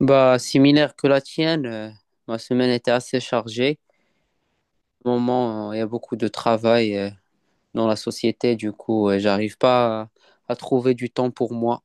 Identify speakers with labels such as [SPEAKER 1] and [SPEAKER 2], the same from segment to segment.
[SPEAKER 1] Bah, similaire que la tienne, ma semaine était assez chargée. Au moment, il y a beaucoup de travail dans la société, du coup, j'arrive pas à, à trouver du temps pour moi.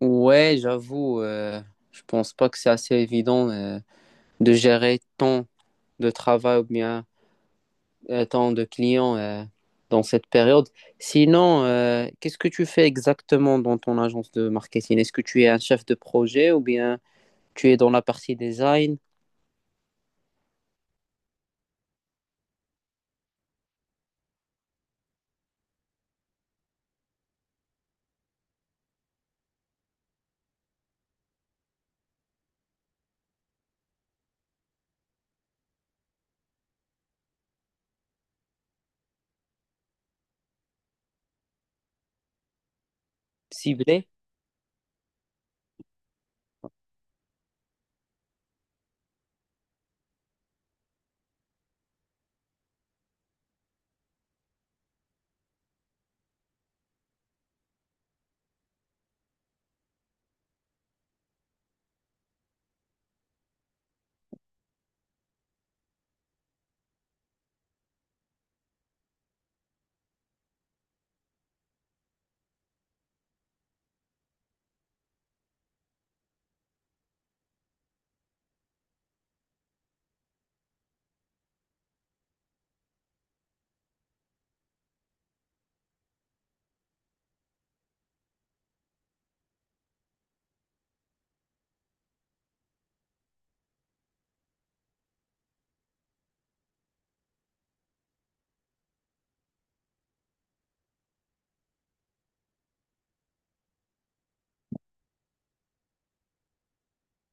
[SPEAKER 1] Ouais, j'avoue, je pense pas que c'est assez évident de gérer tant de travail ou bien tant de clients dans cette période. Sinon, qu'est-ce que tu fais exactement dans ton agence de marketing? Est-ce que tu es un chef de projet ou bien tu es dans la partie design ciblée?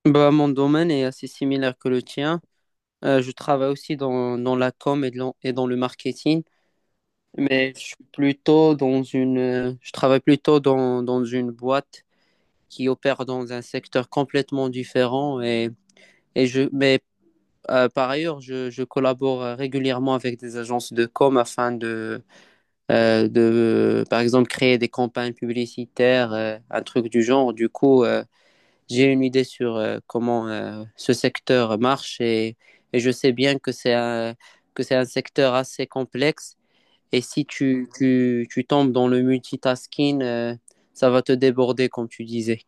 [SPEAKER 1] Bah, mon domaine est assez similaire que le tien. Je travaille aussi dans la com et dans le marketing, mais je suis plutôt dans je travaille plutôt dans une boîte qui opère dans un secteur complètement différent. Mais par ailleurs, je collabore régulièrement avec des agences de com afin de, par exemple, créer des campagnes publicitaires, un truc du genre. Du coup, j'ai une idée sur comment ce secteur marche, et je sais bien que c'est un secteur assez complexe. Et si tu tombes dans le multitasking, ça va te déborder, comme tu disais.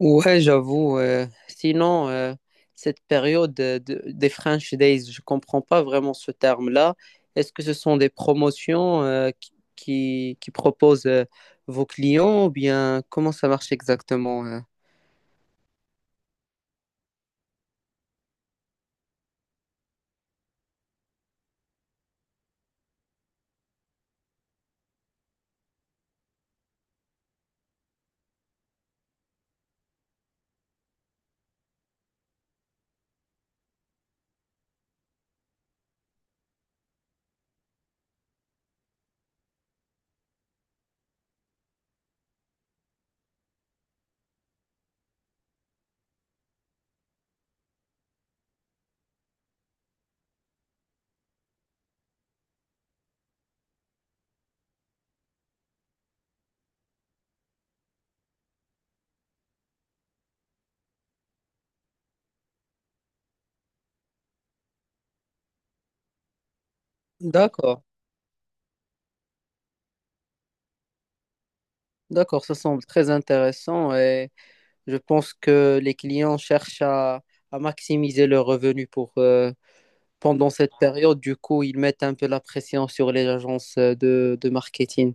[SPEAKER 1] Ouais, j'avoue. Sinon, cette période des French Days, je comprends pas vraiment ce terme-là. Est-ce que ce sont des promotions qui proposent vos clients ou bien comment ça marche exactement? D'accord. D'accord, ça semble très intéressant et je pense que les clients cherchent à maximiser leurs revenus pour, pendant cette période. Du coup, ils mettent un peu la pression sur les agences de marketing.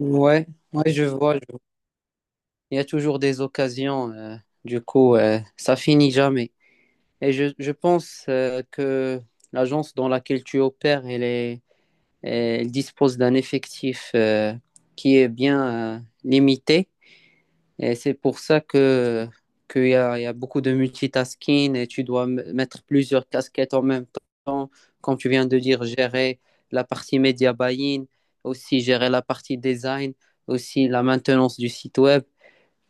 [SPEAKER 1] Ouais, ouais, je vois, je vois. Il y a toujours des occasions. Du coup, ça finit jamais. Et je pense que l'agence dans laquelle tu opères, elle dispose d'un effectif qui est bien limité. Et c'est pour ça que qu'il y a, il y a beaucoup de multitasking et tu dois mettre plusieurs casquettes en même temps. Comme tu viens de dire, gérer la partie média buying, aussi gérer la partie design, aussi la maintenance du site web.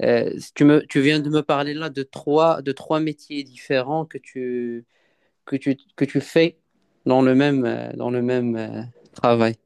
[SPEAKER 1] Tu viens de me parler là de trois métiers différents que tu fais dans le même, travail.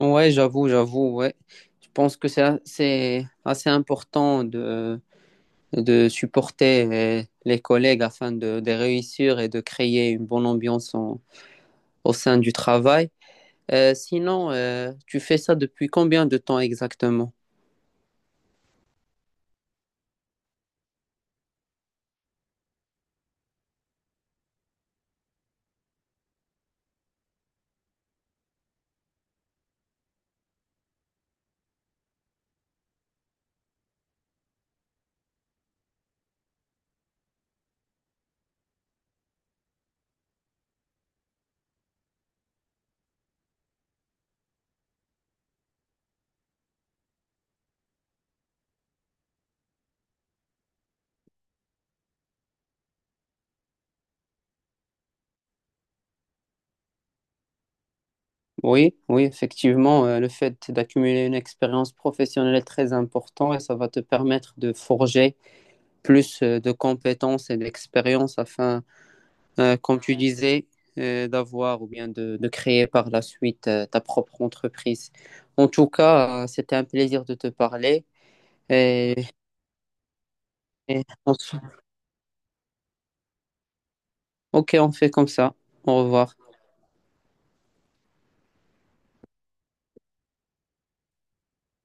[SPEAKER 1] Ouais, j'avoue, j'avoue, ouais. Je pense que c'est assez important de supporter les collègues afin de réussir et de créer une bonne ambiance au sein du travail. Sinon, tu fais ça depuis combien de temps exactement? Oui, oui, effectivement, le fait d'accumuler une expérience professionnelle est très important et ça va te permettre de forger plus de compétences et d'expérience afin, comme tu disais, d'avoir ou bien de créer par la suite ta propre entreprise. En tout cas, c'était un plaisir de te parler. Et, et on se- ok, on fait comme ça. Au revoir.